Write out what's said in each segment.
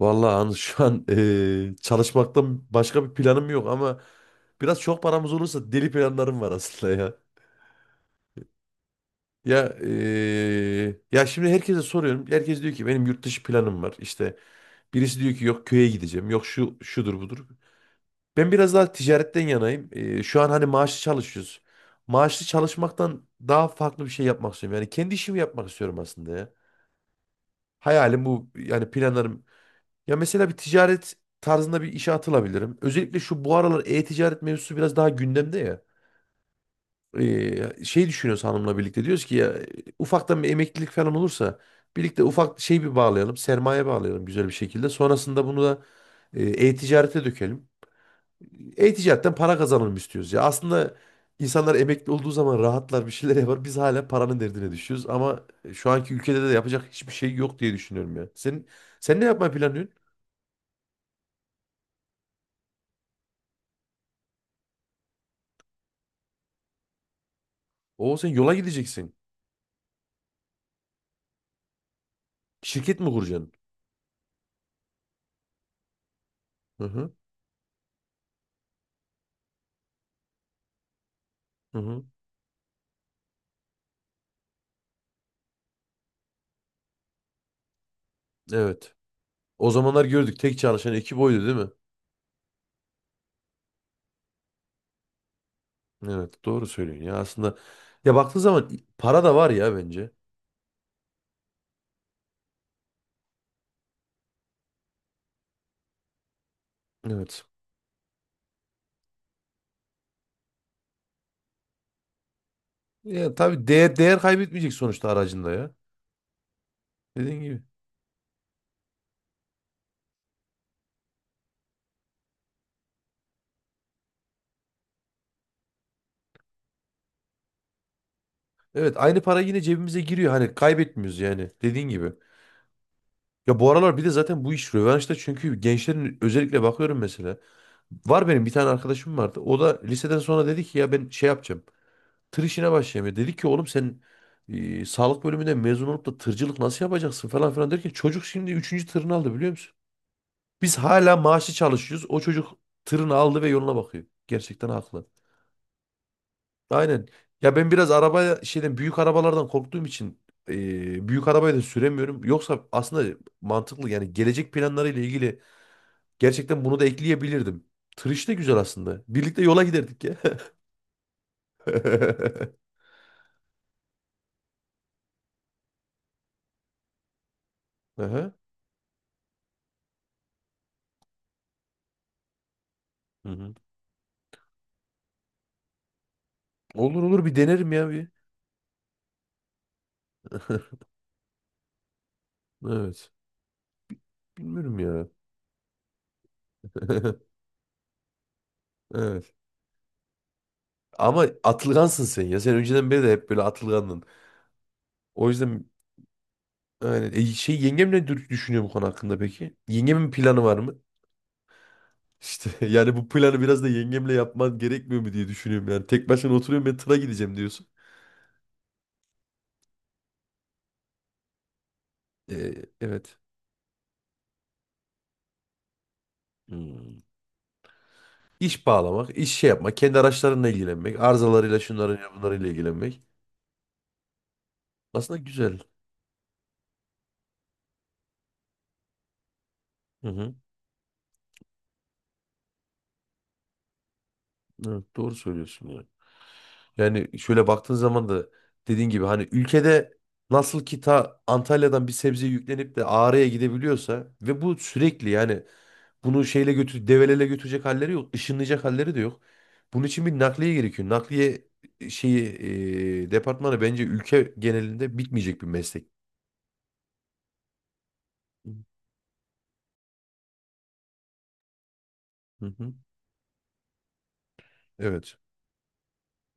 Vallahi Anıl şu an çalışmaktan başka bir planım yok ama biraz çok paramız olursa deli planlarım var aslında ya. Ya ya şimdi herkese soruyorum. Herkes diyor ki benim yurt dışı planım var. İşte birisi diyor ki yok köye gideceğim. Yok şu şudur budur. Ben biraz daha ticaretten yanayım. Şu an hani maaşlı çalışıyoruz. Maaşlı çalışmaktan daha farklı bir şey yapmak istiyorum. Yani kendi işimi yapmak istiyorum aslında ya. Hayalim bu, yani planlarım. Ya mesela bir ticaret tarzında bir işe atılabilirim. Özellikle şu bu aralar e-ticaret mevzusu biraz daha gündemde ya. Şey düşünüyoruz hanımla birlikte, diyoruz ki ya ufaktan bir emeklilik falan olursa birlikte ufak şey bir bağlayalım, sermaye bağlayalım güzel bir şekilde. Sonrasında bunu da e-ticarete dökelim. E-ticaretten para kazanalım istiyoruz ya. Aslında insanlar emekli olduğu zaman rahatlar, bir şeyler yapar. Biz hala paranın derdine düşüyoruz ama şu anki ülkede de yapacak hiçbir şey yok diye düşünüyorum ya. Sen ne yapmayı planlıyorsun? Oo, sen yola gideceksin. Şirket mi kuracaksın? Hı hı. Hı hı. Evet. O zamanlar gördük, tek çalışan ekip oydu değil mi? Evet, doğru söylüyorsun ya aslında. Ya baktığın zaman para da var ya bence. Evet. Ya tabii, değer kaybetmeyecek sonuçta aracında ya. Dediğin gibi. Evet, aynı para yine cebimize giriyor. Hani kaybetmiyoruz yani. Dediğin gibi. Ya bu aralar bir de zaten bu iş rövanşta, çünkü gençlerin özellikle bakıyorum mesela. Var, benim bir tane arkadaşım vardı. O da liseden sonra dedi ki ya ben şey yapacağım, tır işine başlayamıyor. Dedik ki oğlum sen sağlık bölümünden mezun olup da tırcılık nasıl yapacaksın falan filan derken çocuk şimdi üçüncü tırını aldı, biliyor musun? Biz hala maaşlı çalışıyoruz. O çocuk tırını aldı ve yoluna bakıyor. Gerçekten haklı. Aynen. Ya ben biraz araba şeyden, büyük arabalardan korktuğum için büyük arabayı da süremiyorum. Yoksa aslında mantıklı, yani gelecek planlarıyla ilgili gerçekten bunu da ekleyebilirdim. Tır işi de güzel aslında. Birlikte yola giderdik ya. Aha. Hı hı. Olur olur, bir denerim ya bir. Evet. Bilmiyorum ya. Evet. Ama atılgansın sen ya. Sen önceden beri de hep böyle atılgandın. O yüzden aynen. E, şey, yengem düşünüyor bu konu hakkında peki? Yengemin planı var mı? İşte yani bu planı biraz da yengemle yapman gerekmiyor mu diye düşünüyorum yani. Tek başına oturuyorum, ben tıra gideceğim diyorsun. E, evet. Hmm. İş bağlamak, iş şey yapmak, kendi araçlarınla ilgilenmek, arızalarıyla şunlarıyla bunlarıyla ilgilenmek. Aslında güzel. Hı hı. Evet, doğru söylüyorsun ya. Yani şöyle baktığın zaman da, dediğin gibi, hani ülkede nasıl ki ta Antalya'dan bir sebze yüklenip de Ağrı'ya gidebiliyorsa ve bu sürekli, yani bunu şeyle götür, develele götürecek halleri yok, ışınlayacak halleri de yok. Bunun için bir nakliye gerekiyor. Nakliye şeyi departmanı bence ülke genelinde bitmeyecek bir meslek. Hı hı. Evet.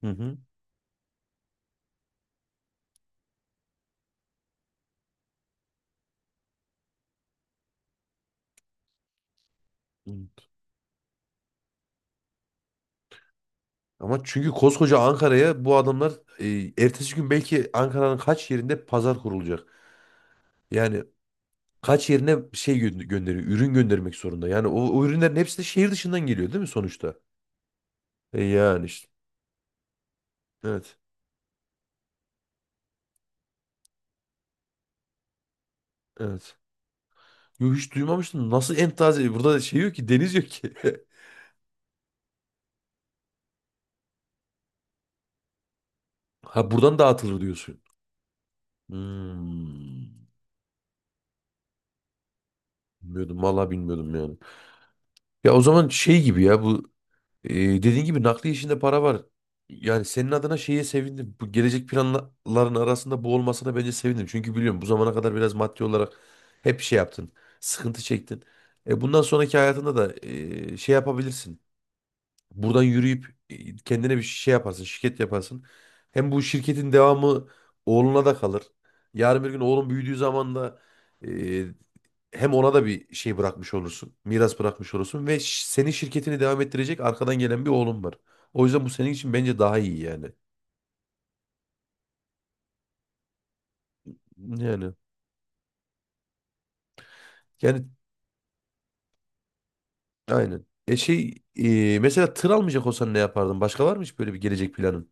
Hı hı. Hı. Ama çünkü koskoca Ankara'ya bu adamlar, e, ertesi gün belki Ankara'nın kaç yerinde pazar kurulacak. Yani kaç yerine gönderiyor, ürün göndermek zorunda. Yani o, o ürünlerin hepsi de şehir dışından geliyor değil mi sonuçta? E yani işte. Evet. Evet. Yo, hiç duymamıştım. Nasıl en taze? Burada şey yok ki, deniz yok ki. Ha, buradan dağıtılır diyorsun. Hmm. Bilmiyordum. Vallahi bilmiyordum yani. Ya o zaman şey gibi ya bu Ee, dediğin gibi nakliye işinde para var. Yani senin adına şeye sevindim. Bu gelecek planların arasında bu olmasına bence sevindim. Çünkü biliyorum, bu zamana kadar biraz maddi olarak hep şey yaptın. Sıkıntı çektin. E, bundan sonraki hayatında da e, şey yapabilirsin. Buradan yürüyüp e, kendine bir şey yaparsın, şirket yaparsın. Hem bu şirketin devamı oğluna da kalır. Yarın bir gün oğlun büyüdüğü zaman da hem ona da bir şey bırakmış olursun. Miras bırakmış olursun ve senin şirketini devam ettirecek arkadan gelen bir oğlun var. O yüzden bu senin için bence daha iyi yani. Yani yani aynen. E şey, e, mesela tır almayacak olsan ne yapardın? Başka var mı hiç böyle bir gelecek planın?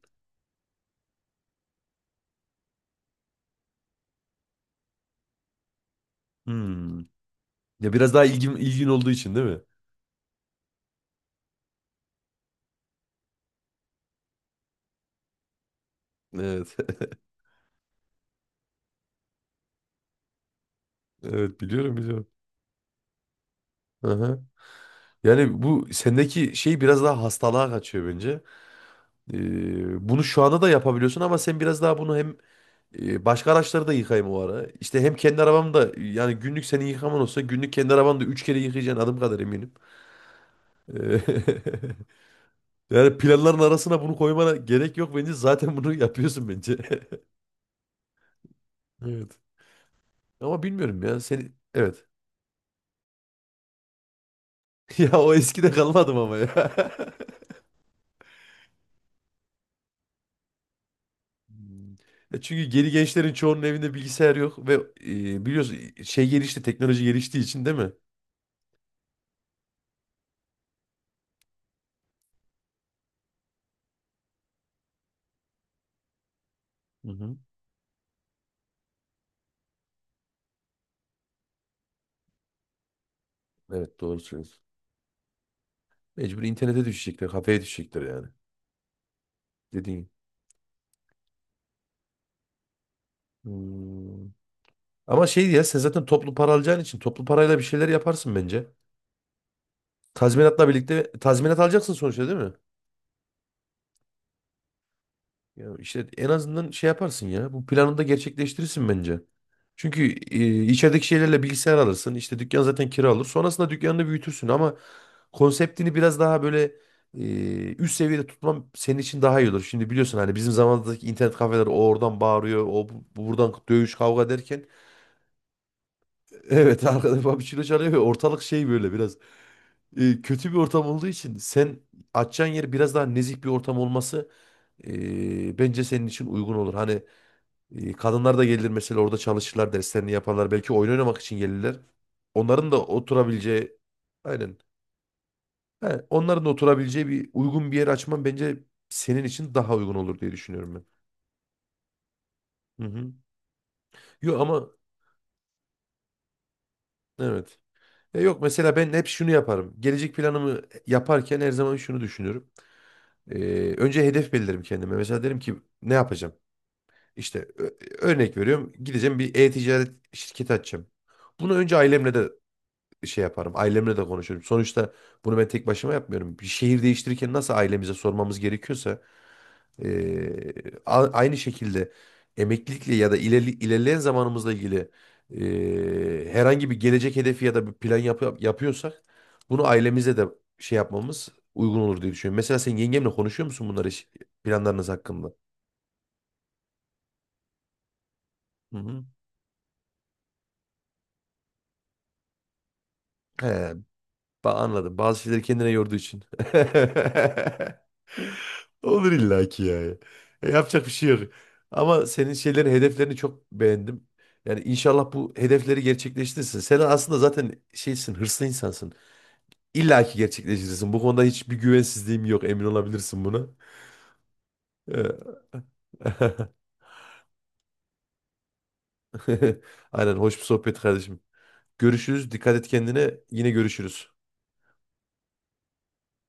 Hmm. Ya biraz daha ilgin olduğu için değil mi? Evet. Evet biliyorum, biliyorum. Aha. Yani bu sendeki şey biraz daha hastalığa kaçıyor bence. E, bunu şu anda da yapabiliyorsun ama sen biraz daha bunu hem E, başka araçları da yıkayayım o ara. İşte hem kendi arabam da, yani günlük senin yıkaman olsa, günlük kendi arabanı da 3 kere yıkayacaksın adım kadar eminim. E, yani planların arasına bunu koymana gerek yok bence. Zaten bunu yapıyorsun bence. Evet. Ama bilmiyorum ya. Seni, evet. Ya o eskide kalmadım ama ya. Hmm. Ya çünkü geri gençlerin çoğunun evinde bilgisayar yok ve e, biliyorsun, şey gelişti, teknoloji geliştiği için değil mi? Hı hı. Evet, doğru söylüyorsun. Mecbur internete düşecekler, kafeye düşecekler yani. Dediğin gibi. Hmm. Ama şey, ya sen zaten toplu para alacağın için toplu parayla bir şeyler yaparsın bence. Tazminatla birlikte, tazminat alacaksın sonuçta değil mi? Ya işte en azından şey yaparsın ya. Bu planını da gerçekleştirirsin bence. Çünkü e, içerideki şeylerle bilgisayar alırsın. İşte dükkan zaten kira alır. Sonrasında dükkanını büyütürsün ama konseptini biraz daha böyle e, üst seviyede tutmam senin için daha iyi olur. Şimdi biliyorsun hani bizim zamanımızdaki internet kafeler, o oradan bağırıyor, buradan dövüş kavga derken evet, arkada bir çilo çalıyor ve ortalık şey, böyle biraz e, kötü bir ortam olduğu için sen açacağın yer biraz daha nezih bir ortam olması e, bence senin için uygun olur. Hani e, kadınlar da gelir mesela, orada çalışırlar, derslerini yaparlar. Belki oyun oynamak için gelirler. Onların da oturabileceği aynen. He, onların da oturabileceği bir uygun bir yer açman bence senin için daha uygun olur diye düşünüyorum ben. Hı hı. Yok ama evet. E, yok mesela ben hep şunu yaparım. Gelecek planımı yaparken her zaman şunu düşünüyorum. E, önce hedef belirlerim kendime. Mesela derim ki ne yapacağım? İşte ö- örnek veriyorum. Gideceğim, bir e-ticaret şirketi açacağım. Bunu önce ailemle de şey yaparım. Ailemle de konuşurum. Sonuçta bunu ben tek başıma yapmıyorum. Bir şehir değiştirirken nasıl ailemize sormamız gerekiyorsa, aynı şekilde emeklilikle ya da ilerleyen zamanımızla ilgili herhangi bir gelecek hedefi ya da bir plan yapıyorsak, bunu ailemize de şey yapmamız uygun olur diye düşünüyorum. Mesela sen yengemle konuşuyor musun bunları, planlarınız hakkında? Hı hı. He, anladım. Bazı şeyleri kendine yorduğu için. Olur illaki yani. E, yapacak bir şey yok. Ama senin şeylerin, hedeflerini çok beğendim. Yani inşallah bu hedefleri gerçekleştirirsin. Sen aslında zaten şeysin, hırslı insansın. İlla ki gerçekleştirirsin. Bu konuda hiçbir güvensizliğim yok. Emin olabilirsin buna. Ee, aynen. Hoş bir sohbet kardeşim. Görüşürüz. Dikkat et kendine. Yine görüşürüz.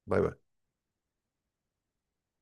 Bay bay.